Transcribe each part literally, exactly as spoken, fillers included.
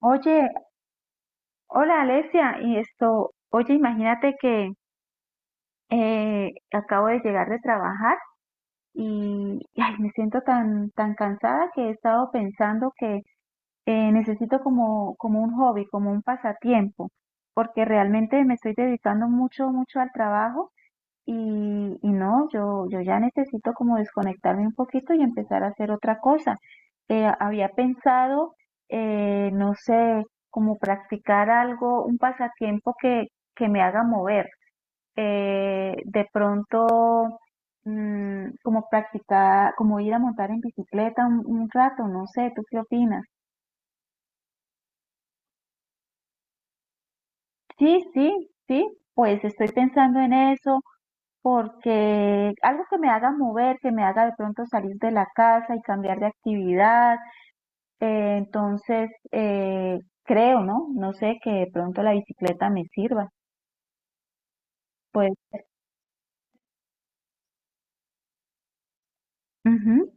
Oye, hola Alesia, y esto, oye, imagínate que eh, acabo de llegar de trabajar y ay, me siento tan, tan cansada que he estado pensando que eh, necesito como, como un hobby, como un pasatiempo, porque realmente me estoy dedicando mucho, mucho al trabajo. Y, y no, yo, yo ya necesito como desconectarme un poquito y empezar a hacer otra cosa. Eh, había pensado, eh, no sé, como practicar algo, un pasatiempo que, que me haga mover. Eh, de pronto, mm, como practicar, como ir a montar en bicicleta un, un rato, no sé, ¿tú qué opinas? Sí, sí, sí, pues estoy pensando en eso. Porque algo que me haga mover, que me haga de pronto salir de la casa y cambiar de actividad, eh, entonces eh, creo, ¿no? No sé, que de pronto la bicicleta me sirva. Pues, ujú,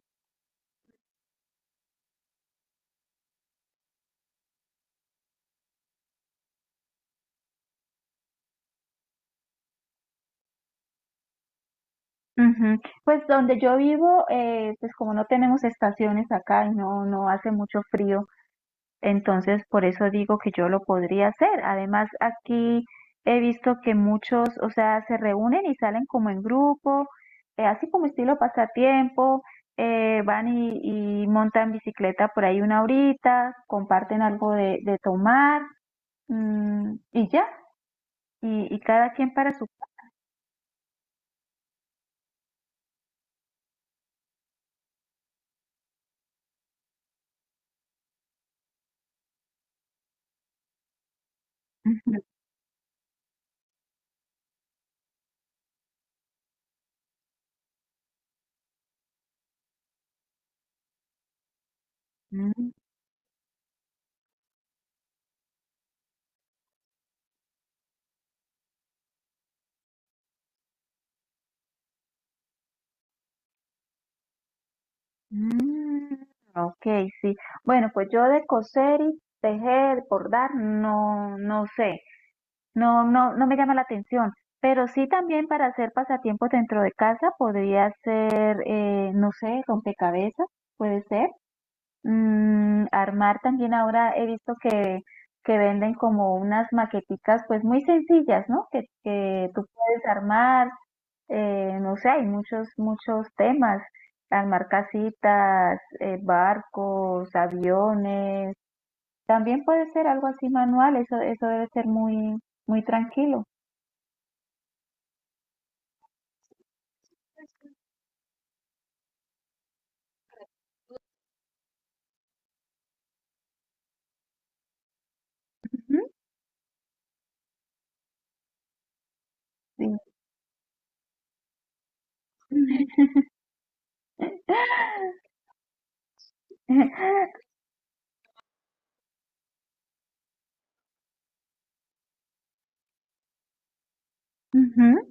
ujú. Pues donde yo vivo, eh, pues como no tenemos estaciones acá y no, no hace mucho frío. Entonces, por eso digo que yo lo podría hacer. Además, aquí he visto que muchos, o sea, se reúnen y salen como en grupo, eh, así como estilo pasatiempo, eh, van y, y montan bicicleta por ahí una horita, comparten algo de, de tomar, mm, y ya, y, y cada quien para su... Ujú. Mm, ok, sí. Bueno, pues yo de coser y tejer, bordar, no, no sé. No, no, no me llama la atención, pero sí también para hacer pasatiempos dentro de casa podría ser, eh, no sé, rompecabezas, puede ser. Mm, armar también ahora he visto que, que venden como unas maqueticas pues muy sencillas, ¿no? Que, que tú puedes armar, eh, no sé, hay muchos, muchos temas, armar casitas, eh, barcos, aviones, también puede ser algo así manual, eso, eso debe ser muy, muy tranquilo. Sí. Ujú,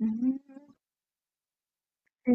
ujú. Sí,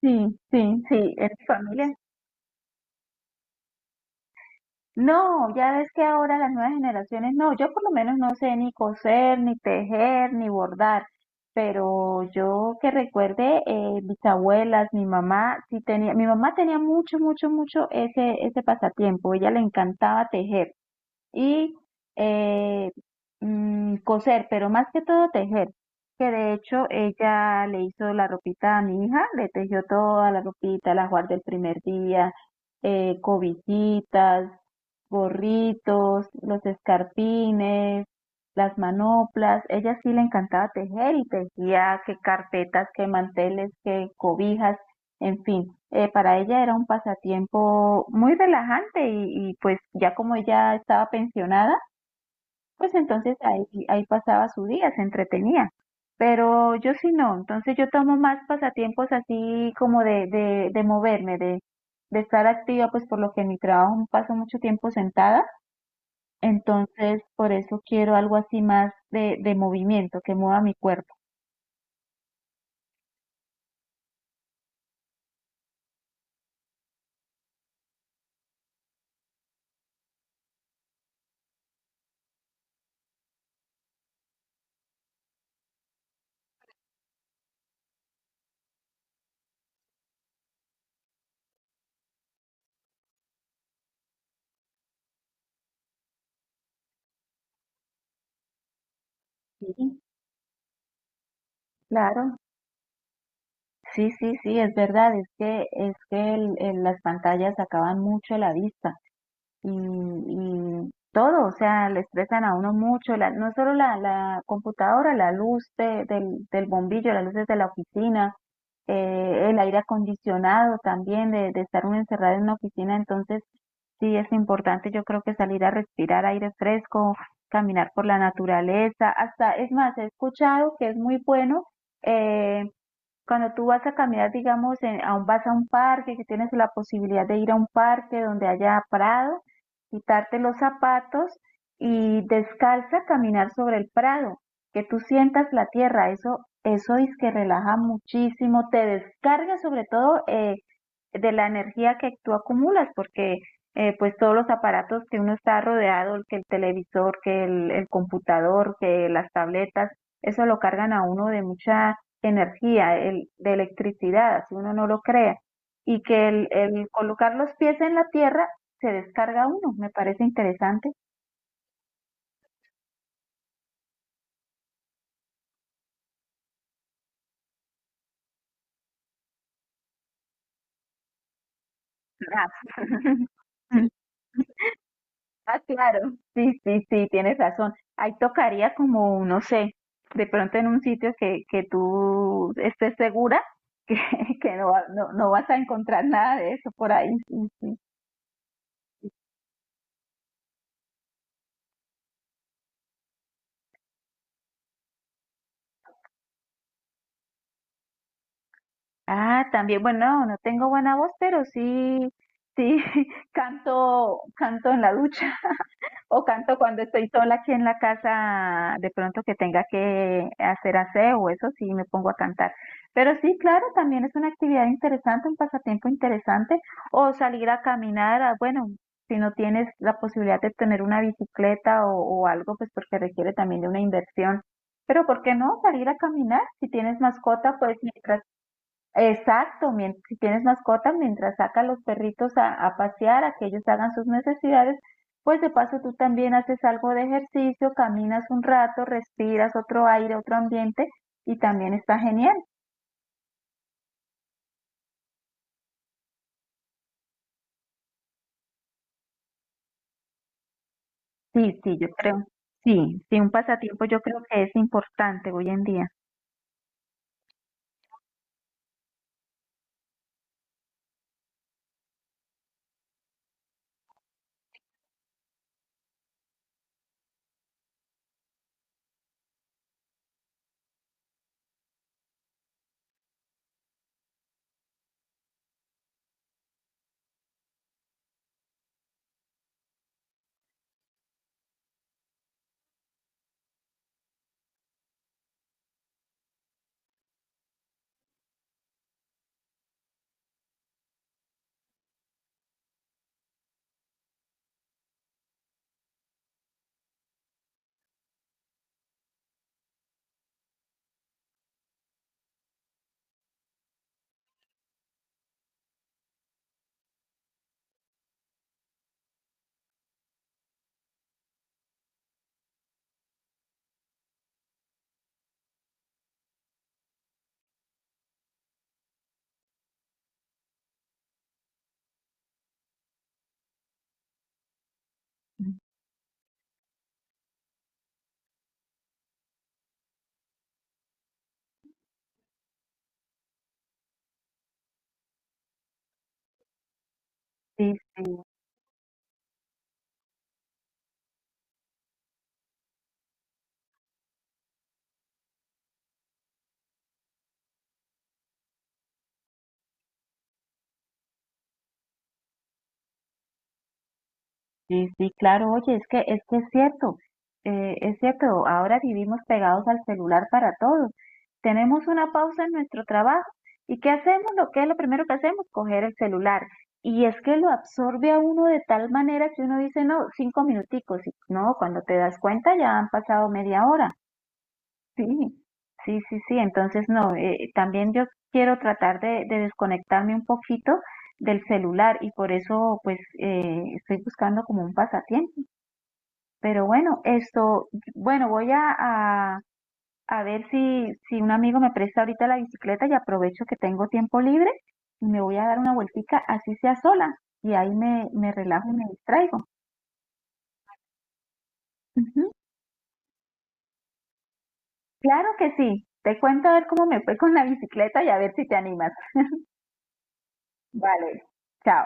sí, sí, sí, sí, en mi familia. No, ya ves que ahora las nuevas generaciones, no, yo por lo menos no sé ni coser, ni tejer, ni bordar, pero yo que recuerde, eh, mis abuelas, mi mamá, sí tenía, mi mamá tenía mucho, mucho, mucho ese, ese pasatiempo, ella le encantaba tejer. Y eh, mm, coser, pero más que todo tejer, que de hecho ella le hizo la ropita a mi hija, le tejió toda la ropita, la guardé el primer día, eh, cobijitas, gorritos, los escarpines, las manoplas, ella sí le encantaba tejer y tejía que carpetas, que manteles, que cobijas, en fin, eh, para ella era un pasatiempo muy relajante y, y, pues ya como ella estaba pensionada, pues entonces ahí, ahí pasaba su día, se entretenía. Pero yo sí no, entonces yo tomo más pasatiempos así como de, de, de moverme, de, de estar activa, pues por lo que en mi trabajo paso mucho tiempo sentada, entonces por eso quiero algo así más de, de movimiento, que mueva mi cuerpo. Sí, claro, sí, sí, sí, es verdad, es que, es que el- el- las pantallas acaban mucho la vista y, y todo, o sea, le estresan a uno mucho, la- no solo la, la computadora, la luz de- del, del bombillo, las luces de la oficina, eh, el aire acondicionado también, de, de estar uno encerrado en una oficina, entonces sí es importante yo creo que salir a respirar aire fresco, caminar por la naturaleza, hasta, es más, he escuchado que es muy bueno. eh, cuando tú vas a caminar, digamos, en- a un- vas a un parque, que tienes la posibilidad de ir a un parque donde haya prado, quitarte los zapatos y descalza caminar sobre el prado, que tú sientas la tierra, eso, eso es que relaja muchísimo, te descarga sobre todo eh, de la energía que tú acumulas, porque eh, pues todos los aparatos que uno está rodeado, el que el televisor, que el, el computador, que las tabletas, eso lo cargan a uno de mucha energía, el- de electricidad, así uno no lo crea, y que el, el colocar los pies en la tierra se descarga uno, me parece interesante. Ah, ah, claro, sí, sí, sí, tienes razón. Ahí tocaría como, no sé, de pronto en un sitio que, que tú estés segura que, que no, va- no, no vas a encontrar nada de eso por ahí. Sí, sí. Ah, también, bueno, no no tengo buena voz, pero sí, sí, canto, canto en la ducha. O canto cuando estoy sola aquí en la casa, de pronto que tenga que hacer aseo, eso sí, me pongo a cantar. Pero sí, claro, también es una actividad interesante, un pasatiempo interesante, o salir a caminar, a- bueno, si no tienes la posibilidad de tener una bicicleta o, o algo, pues porque requiere también de una inversión. Pero ¿por qué no salir a caminar? Si tienes mascota, pues mientras... Exacto, mien- si tienes mascota, mientras saca a los perritos a, a pasear, a que ellos hagan sus necesidades, pues de paso tú también haces algo de ejercicio, caminas un rato, respiras otro aire, otro ambiente y también está genial. Sí, sí, yo creo. Sí, sí, un pasatiempo yo creo que es importante hoy en día. Sí, sí. Sí, sí, claro, oye, es que, es que es cierto, eh, es cierto, ahora vivimos pegados al celular para todo. Tenemos una pausa en nuestro trabajo y ¿qué hacemos? Lo que es lo primero que hacemos, coger el celular. Y es que lo absorbe a uno de tal manera que uno dice, no, cinco minuticos, y no, cuando te das cuenta ya han pasado media hora. Sí, sí, sí, sí, entonces no, eh, también yo quiero tratar de, de desconectarme un poquito del celular y por eso pues eh, estoy buscando como un pasatiempo. Pero bueno, esto, bueno, voy a, a, a ver si, si un amigo me presta ahorita la bicicleta y aprovecho que tengo tiempo libre y me voy a dar una vueltica, así sea sola, y ahí me, me relajo y me distraigo. Ujú. Claro que sí, te cuento a ver cómo me fue con la bicicleta y a ver si te animas. Vale, chao.